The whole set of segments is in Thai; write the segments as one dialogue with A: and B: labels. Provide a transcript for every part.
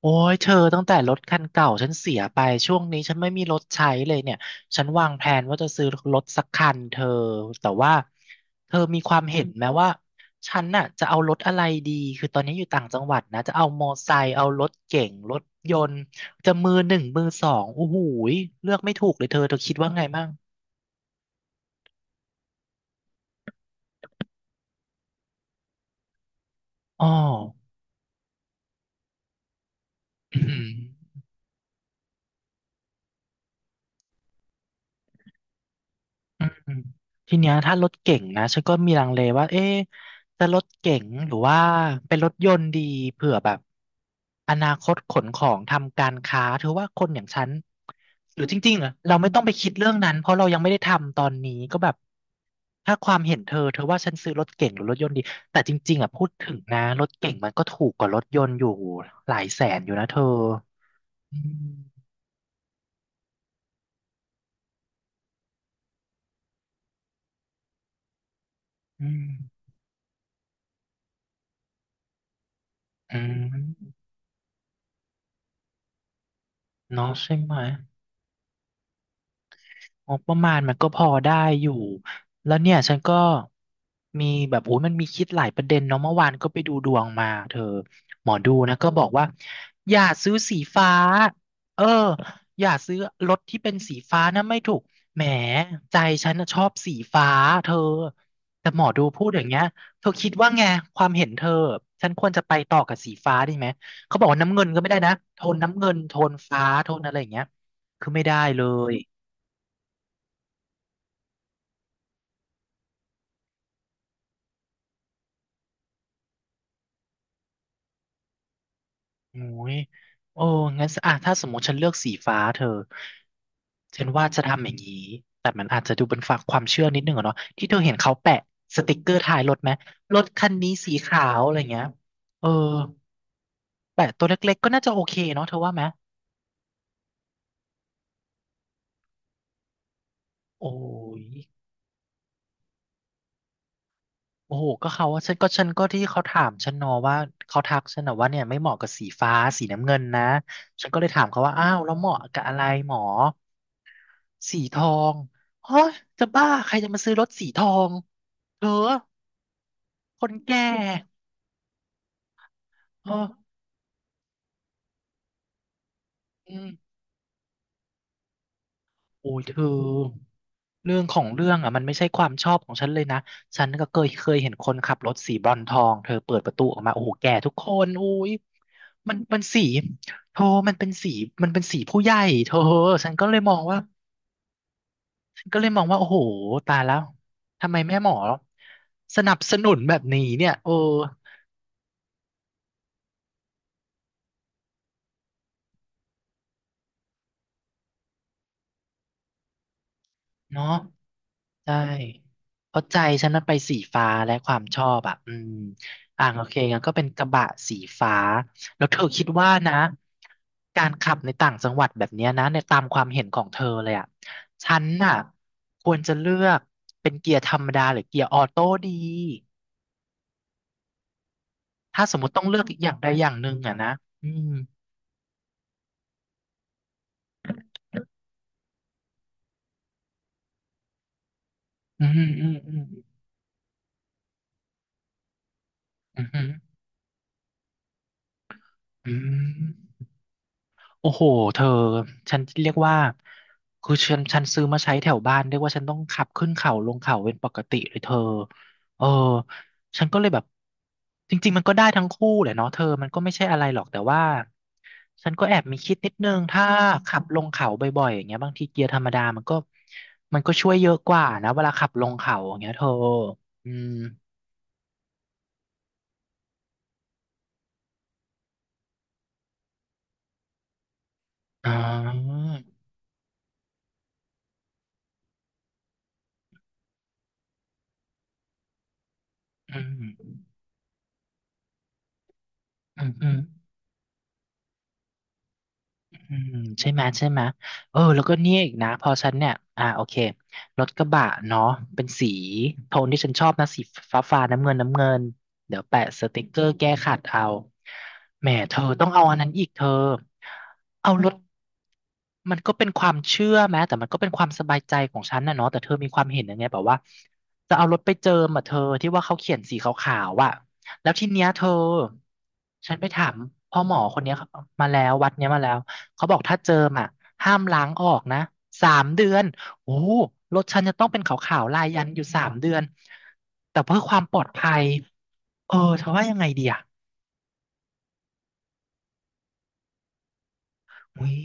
A: โอ้ยเธอตั้งแต่รถคันเก่าฉันเสียไปช่วงนี้ฉันไม่มีรถใช้เลยเนี่ยฉันวางแผนว่าจะซื้อรถสักคันเธอแต่ว่าเธอมีความเห็นไหมว่าฉันน่ะจะเอารถอะไรดีคือตอนนี้อยู่ต่างจังหวัดนะจะเอามอไซค์เอารถเก๋งรถยนต์จะมือหนึ่งมือสองโอ้โหยเลือกไม่ถูกเลยเธอคิดว่าไงบ้างอ๋อ อืมทีเนี้ยถ้ารถเก๋งนะฉันก็มีลังเลว่าเอ๊ะจะรถเก๋งหรือว่าเป็นรถยนต์ดีเผื่อแบบอนาคตขนของทำการค้าเธอว่าคนอย่างฉันหรือจริงๆอะเราไม่ต้องไปคิดเรื่องนั้นเพราะเรายังไม่ได้ทำตอนนี้ก็แบบถ้าความเห็นเธอเธอว่าฉันซื้อรถเก๋งหรือรถยนต์ดีแต่จริงๆอ่ะพูดถึงนะรถเก๋งมันก็ถูกกว่ารถยนต์อยู่หลายแสนอยู่นะเธออืมอืมอืมเนาะใช่ไหม งบประมาณมันก็พอได้อยู่แล้วเนี่ยฉันก็มีแบบโอ้ยมันมีคิดหลายประเด็นเนาะเมื่อวานก็ไปดูดวงมาเธอหมอดูนะก็บอกว่าอย่าซื้อสีฟ้าเอออย่าซื้อรถที่เป็นสีฟ้านะไม่ถูกแหมใจฉันน่ะชอบสีฟ้าเธอแต่หมอดูพูดอย่างเงี้ยเธอคิดว่าไงความเห็นเธอฉันควรจะไปต่อกับสีฟ้าดีไหมเขาบอกว่าน้ำเงินก็ไม่ได้นะโทนน้ำเงินโทนฟ้าโทนอะไรอย่างเงี้ยคือไม่ได้เลย โอ้ยโอ้งั้นสอ่ะถ้าสมมติฉันเลือกสีฟ้าเธอฉันว่าจะทำอย่างนี้แต่มันอาจจะดูเป็นฝากความเชื่อนิดนึงอะเนาะที่เธอเห็นเขาแปะสติกเกอร์ท้ายรถไหมรถคันนี้สีขาวอะไรเงี้ยเออแปะตัวเล็กๆก็น่าจะโอเคเนาะเธอว่าไหมโอ้ยโอ้โหก็เขาว่าฉันก็ที่เขาถามฉันเนอะว่าเขาทักฉันนะว่าเนี่ยไม่เหมาะกับสีฟ้าสีน้ำเงินนะฉันก็เลยถามเขาว่าอ้าวแล้วเหมาะกับอะไรหมอ สีทองเฮ้ยจะบ้าใครจะมาซื้อรถสีทองเธอคนแก่เอออืมโอ้ยเธอเรื่องของเรื่องอ่ะมันไม่ใช่ความชอบของฉันเลยนะฉันก็เคยเห็นคนขับรถสีบรอนซ์ทองเธอเปิดประตูออกมาโอ้โหแก่ทุกคนอุ้ยมันมันสีโธมันเป็นสีมันเป็นสีผู้ใหญ่เธอฉันก็เลยมองว่าฉันก็เลยมองว่าโอ้โหตายแล้วทำไมแม่หมอสนับสนุนแบบนี้เนี่ยเออเนาะ ใช่เพราะใจฉันนั้นไปสีฟ้าและความชอบอ่ะอืมอ่ะโอเคงั้นก็เป็นกระบะสีฟ้าแล้วเธอคิดว่านะการขับในต่างจังหวัดแบบเนี้ยนะในตามความเห็นของเธอเลยอ่ะฉันน่ะควรจะเลือกเป็นเกียร์ธรรมดาหรือเกียร์ออโต้ดีถ้าสมมติต้องเลือกอย่างใดอย่างหนึ่งอ่ะนะอืมอืมอืมอืมอืมอืมอืม โอ้โห เธอ ฉันเรียกว่า คือฉันซื้อมาใช้แถวบ้านเรียกว่าฉันต้องขับขึ้นเขาลงเขาเป็นปกติเลยเธอเออฉันก็เลยแบบ จริงๆมันก็ได้ทั้งคู่แหละเนาะเธอมันก็ไม่ใช่อะไรหรอกแต่ว่าฉันก็แอบมีคิดนิดนึงถ้าขับลงเขาบ่อยๆอย่างเงี้ยบางทีเกียร์ธรรมดามันก็ช่วยเยอะกว่านะเวลาขับลงเขาอย่างเงี้ยเธออืมอ๋ออืมอืมอืม อืมใช่ไหมใช่ไหมเออแล้วก็เนี่ยอีกนะพอฉันเนี่ยอ่าโอเครถกระบะเนาะเป็นสีโทนที่ฉันชอบนะสีฟ้าฟ้าน้ำเงินน้ำเงินเดี๋ยวแปะสติกเกอร์แก้ขัดเอาแหมเธอต้องเอาอันนั้นอีกเธอเอารถมันก็เป็นความเชื่อแม้แต่มันก็เป็นความสบายใจของฉันนะเนาะแต่เธอมีความเห็นยังไงแบบว่าจะเอารถไปเจิมอ่ะเธอที่ว่าเขาเขียนสีขาวๆอ่ะแล้วทีเนี้ยเธอฉันไปถามพ่อหมอคนเนี้ยมาแล้ววัดเนี้ยมาแล้ว เขาบอกถ้าเจิมอ่ะห้ามล้างออกนะสามเดือนโอ้โหรถฉันจะต้องเป็นขาวๆลายยันต์อยู่สามเดือนแต่เพื่อความปลอดภัยเออเธอว่ายังไงดีอ่ะอุ้ย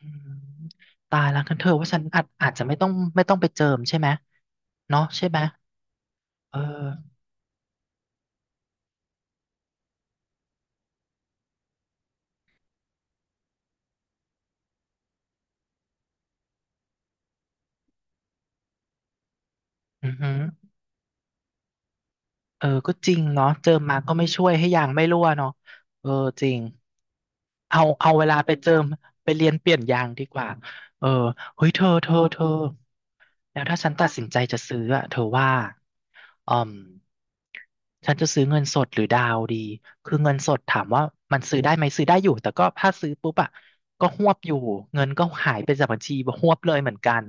A: อืมตายแล้วกันเธอว่าฉันอาจจะไม่ต้องไปเจิมใช่ไหมเนาะใช่ไหมเอออือหือเออก็จริงเนาะเจิมมาก็ไม่ช่วยให้ยางไม่รั่วเนาะเออจริงเอาเวลาไปเจิมไปเรียนเปลี่ยนยางดีกว่าเออเฮ้ยเธอ แล้วถ้าฉันตัดสินใจจะซื้ออะเธอว่าอืมฉันจะซื้อเงินสดหรือดาวดีคือเงินสดถามว่ามันซื้อได้ไหมซื้อได้อยู่แต่ก็ถ้าซื้อปุ๊บอ่ะก็ฮวบอยู่เงินก็หายไปจากบัญชีฮวบเลยเหมือนกัน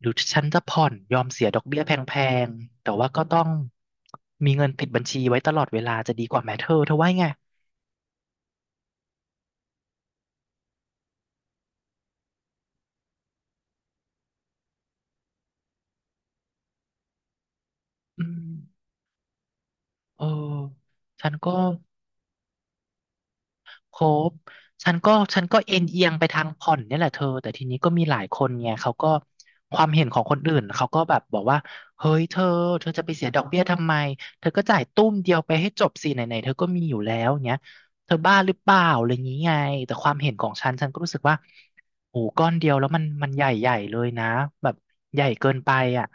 A: หรือฉันจะผ่อนยอมเสียดอกเบี้ยแพงๆแต่ว่าก็ต้องมีเงินติดบัญชีไว้ตลอดเวลาจะดีกว่าไหมเธอว่าไงอืมเออฉันก็ ครบ ฉันก็เอ็นเอียงไปทางผ่อนเนี่ยแหละเธอ แต่ทีนี้ก็มีหลายคนไงเขาก็ความเห็นของคนอื่นเขาก็แบบบอกว่าเฮ้ยเธอ เธอจะไปเสียดอกเบี้ยทำไมเธอก็จ่ายตุ้มเดียวไปให้จบสิไหนๆเธอก็มีอยู่แล้วเงี้ยเธอบ้าหรือเปล่าอะไรอย่างนี้ไงแต่ความเห็นของฉันฉันก็รู้สึกว่าโอ้ก้อนเดียวแล้วมันใหญ่ใหญ่เลยนะแบบใหญ่เกินไปอ่ะ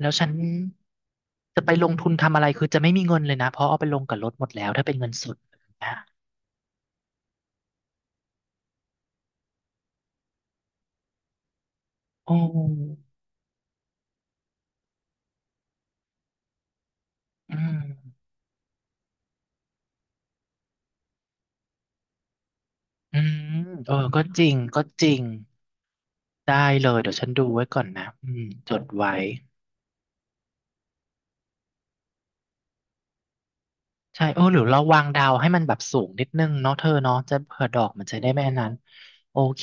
A: แล้วฉันจะไปลงทุนทำอะไรคือจะไม่มีเงินเลยนะเพราะเอาไปลงกับรถหมดแล้วถ้าเป็นเงินสดนะ โอ้อืมอืมเออก็จริง ก็จริง ได้เลยเดี๋ยวฉันดูไว้ก่อนนะอืมจดไว้ใช่โอ้หรือเราวางดาวให้มันแบบสูงนิดนึงเนาะเธอเนาะจะเผื่อดอกมันจะได้ไม่อันนั้นโอเค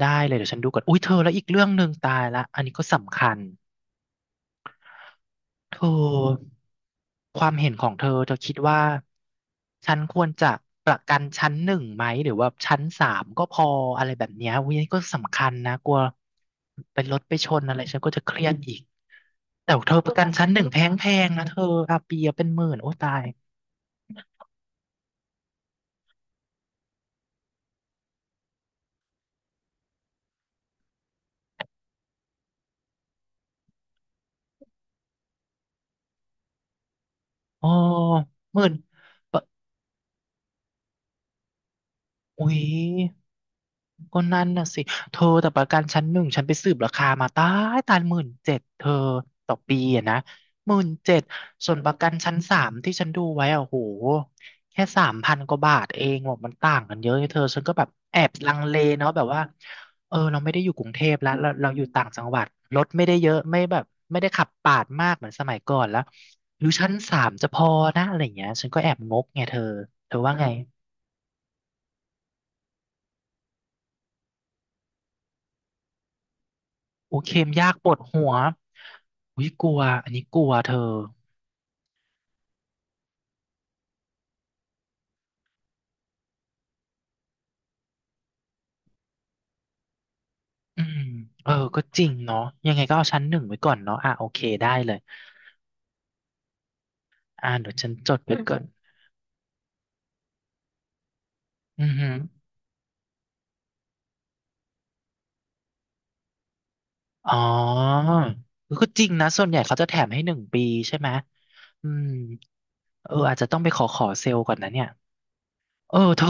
A: ได้เลยเดี๋ยวฉันดูก่อนอุ้ยเธอแล้วอีกเรื่องหนึ่งตายละอันนี้ก็สำคัญ เธอความเห็นของเธอเธอคิดว่าฉันควรจะประกันชั้นหนึ่งไหมหรือว่าชั้นสามก็พออะไรแบบเนี้ยอุ้ยนี่ก็สำคัญนะกลัวเป็นรถไปชนอะไรฉันก็จะเครียดอีกแต่เธอประกันชั้นหนึ่งแพงๆนะเธออาเปียเป็นหมื่นโอ้ตายอ๋อหมื่น อุ๊ยก็นั่นน่ะสิเธอแต่ประกันชั้นหนึ่งฉันไปสืบราคามาตายตายหมื่นเจ็ดเธอต่อปีอะนะหมื่นเจ็ดส่วนประกันชั้นสามที่ฉันดูไว้อะโหแค่3,000กว่าบาทเองบอกมันต่างกันเยอะเธอฉันก็แบบแอบลังเลเนาะแบบว่าเออเราไม่ได้อยู่กรุงเทพแล้วเราอยู่ต่างจังหวัดรถไม่ได้เยอะไม่แบบไม่ได้ขับปาดมากเหมือนสมัยก่อนแล้วหรือชั้นสามจะพอนะอะไรอย่างเงี้ยฉันก็แอบงกไงเธอว่าไง โอ้เค็มยากปวดหัวอุ้ยกลัวอันนี้กลัวเธออืมเออก็จริงเนาะยังไงก็เอาชั้นหนึ่งไว้ก่อนเนาะอ่ะโอเคได้เลยอ่าเดี๋ยวฉันจดไว้ก่อนอือหืออ๋อเออก็จริงนะส่วนใหญ่เขาจะแถมให้1 ปีใช่ไหมอืมเอออาจจะต้องไปขอเซลล์ก่อนนะเนี่ยเออเธอ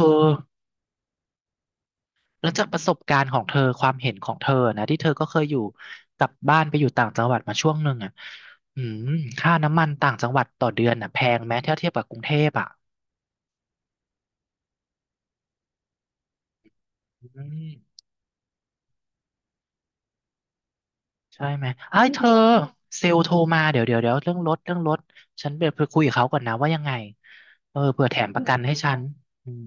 A: แล้วจากประสบการณ์ของเธอความเห็นของเธอนะที่เธอก็เคยอยู่กลับบ้านไปอยู่ต่างจังหวัดมาช่วงหนึ่งอ่ะอืมค่าน้ำมันต่างจังหวัดต่อเดือนอ่ะแพงไหมถ้าเทียบกับกรุงเทพอ่ะอืมใช่ไหมไอ้ยเธอเซลล์โทรมาเดี๋ยวเดี๋ยวเดี๋ยวเรื่องรถเรื่องรถฉันไปคุยกับเขาก่อนนะว่ายังไงเออเผื่อแถมประกันให้ฉันอืม